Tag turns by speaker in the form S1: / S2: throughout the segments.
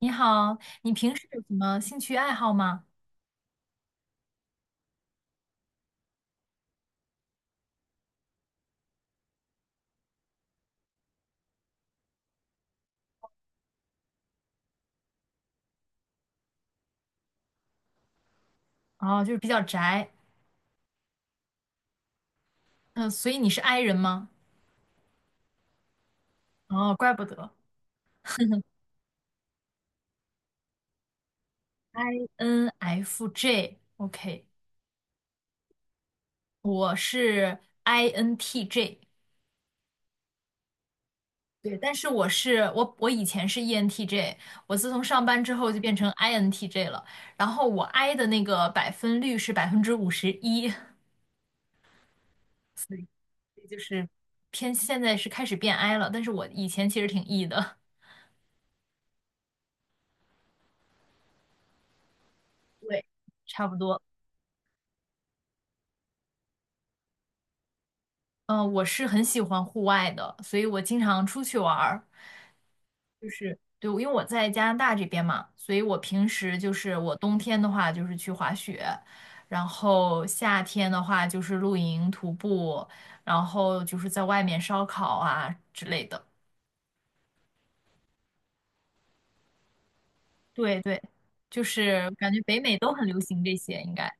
S1: 你好，你平时有什么兴趣爱好吗？哦，就是比较宅。嗯、所以你是 i 人吗？哦，怪不得，INFJ，OK，我是 INTJ。对，但是我以前是 ENTJ。我自从上班之后就变成 INTJ 了，然后我 I 的那个百分率是51%。所以所以就是偏现在是开始变 I 了，但是我以前其实挺 E 的。对，差不多。我是很喜欢户外的，所以我经常出去玩儿。就是对，因为我在加拿大这边嘛，所以我平时就是我冬天的话就是去滑雪，然后夏天的话就是露营、徒步，然后就是在外面烧烤啊之类的。对对，就是感觉北美都很流行这些，应该。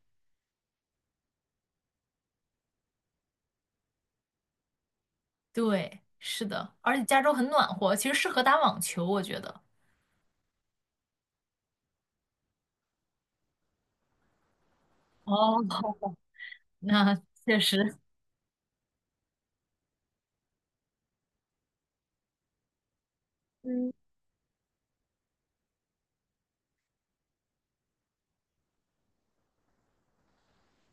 S1: 对，是的，而且加州很暖和，其实适合打网球，我觉得。哦，那确实。嗯。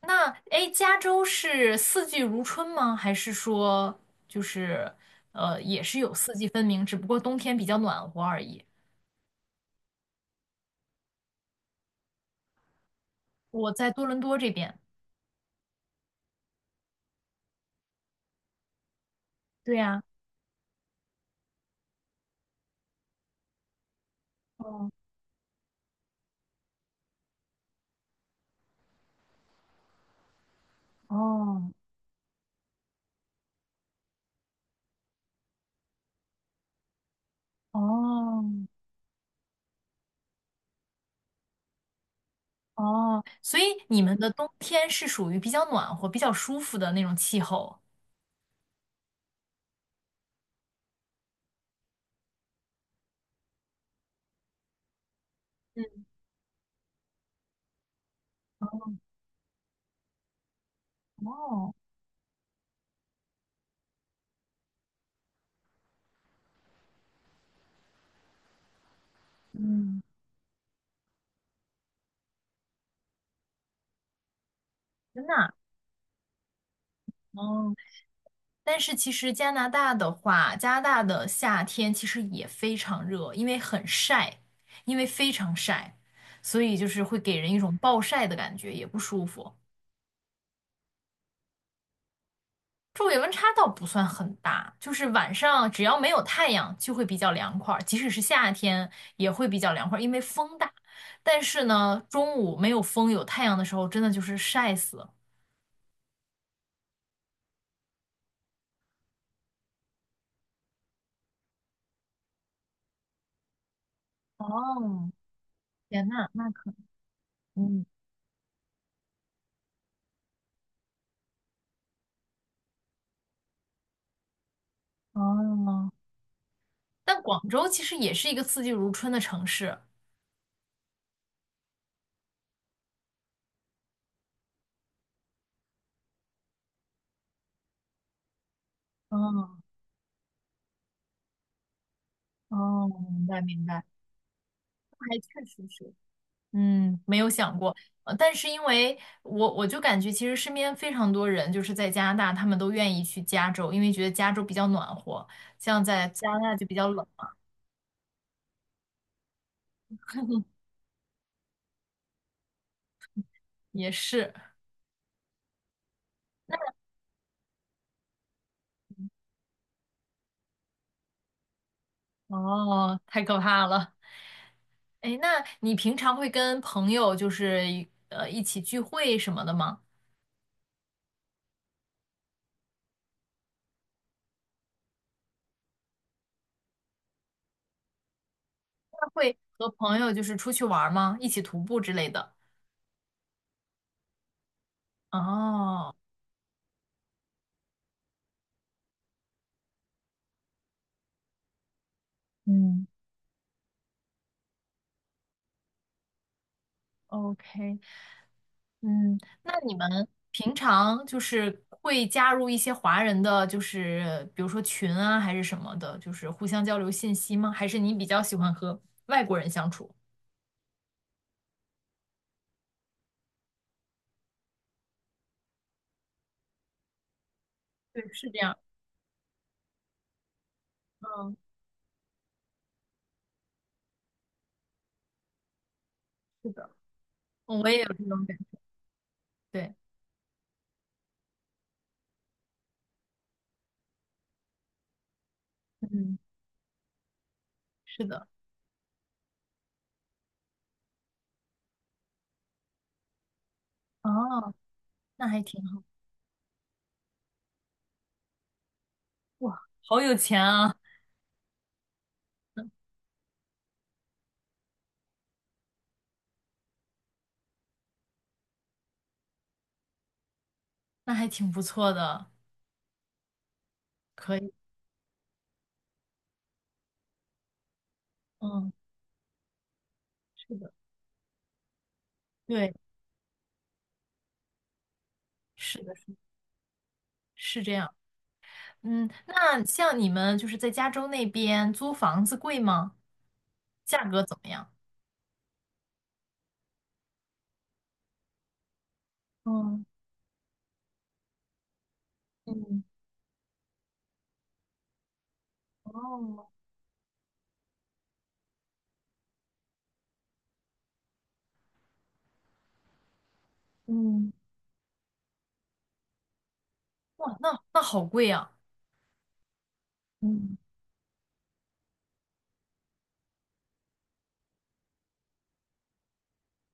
S1: 那哎，诶加州是四季如春吗？还是说就是，也是有四季分明，只不过冬天比较暖和而已？我在多伦多这边。对呀。哦哦哦哦，所以你们的冬天是属于比较暖和、比较舒服的那种气候。嗯，哦，哦，嗯，真的啊？哦，但是其实加拿大的话，加拿大的夏天其实也非常热，因为很晒，因为非常晒，所以就是会给人一种暴晒的感觉，也不舒服。昼夜温差倒不算很大，就是晚上只要没有太阳就会比较凉快儿，即使是夏天也会比较凉快儿，因为风大。但是呢，中午没有风有太阳的时候，真的就是晒死了。哦，天呐，那可，嗯，哦，但广州其实也是一个四季如春的城市。哦哦，明白明白。还确实是，嗯，没有想过。但是因为我就感觉其实身边非常多人就是在加拿大，他们都愿意去加州，因为觉得加州比较暖和，像在加拿大就比较冷，也是，哦，太可怕了。哎，那你平常会跟朋友就是一起聚会什么的吗？那会和朋友就是出去玩儿吗？一起徒步之类的？哦，嗯，OK，嗯，那你们平常就是会加入一些华人的，就是比如说群啊，还是什么的，就是互相交流信息吗？还是你比较喜欢和外国人相处？对，是这样。嗯，是的，我也有这种感觉。对，嗯，是的。哦，那还挺好。哇，好有钱啊，那还挺不错的，可以。嗯，是的，对，是的，是的是这样。嗯，那像你们就是在加州那边租房子贵吗？价格怎么样？嗯嗯哦嗯哇，那好贵啊！嗯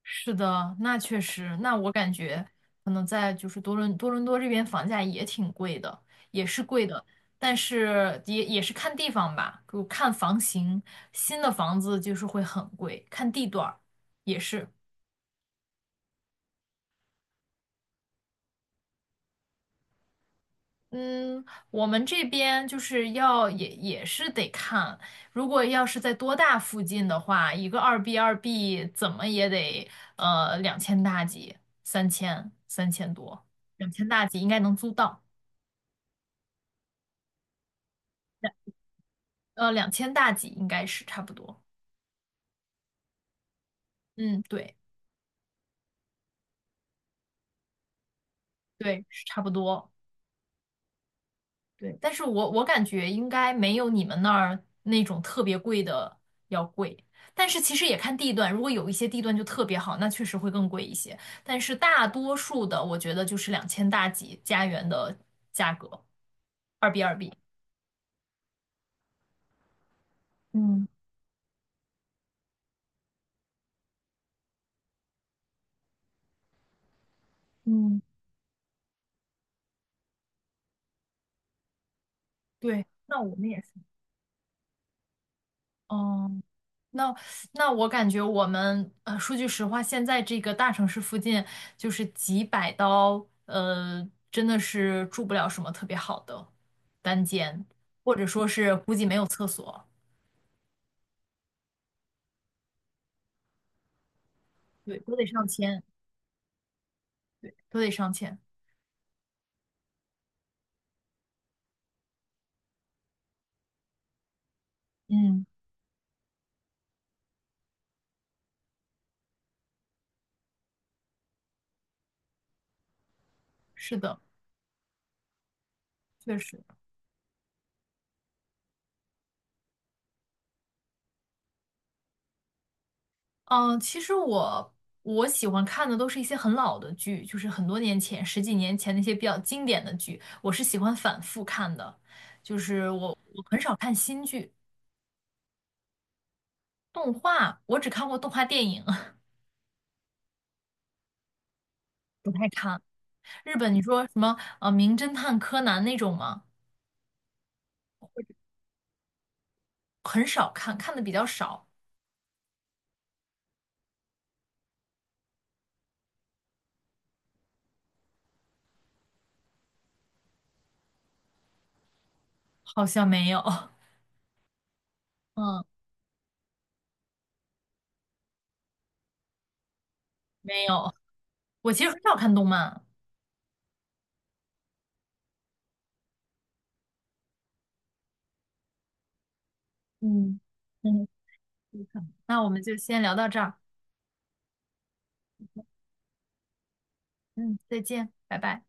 S1: 是的，那确实，那我感觉可能在就是多伦多这边房价也挺贵的，也是贵的，但是也是看地方吧，就看房型，新的房子就是会很贵，看地段儿也是。嗯，我们这边就是要也是得看，如果要是在多大附近的话，一个二 B 二 B 怎么也得两千大几，三千多，两千大几应该能租到，两两千大几应该是差不多。嗯，对对，是差不多。对，但是我感觉应该没有你们那儿那种特别贵的要贵，但是其实也看地段，如果有一些地段就特别好，那确实会更贵一些，但是大多数的我觉得就是两千大几加元的价格，二 B 二 B。嗯嗯，对，那我们也是。嗯。那那我感觉我们，说句实话，现在这个大城市附近就是几百刀，真的是住不了什么特别好的单间，或者说是估计没有厕所，对，都得上千，对，都得上千。嗯，是的，确实。嗯，其实我喜欢看的都是一些很老的剧，就是很多年前、十几年前那些比较经典的剧，我是喜欢反复看的，就是我很少看新剧。动画我只看过动画电影，不太看。日本你说什么《名侦探柯南》那种吗？很少看，看的比较少，好像没有。嗯，没有。我其实很少看动漫。嗯嗯，是的那我们就先聊到这儿。嗯，再见，拜拜。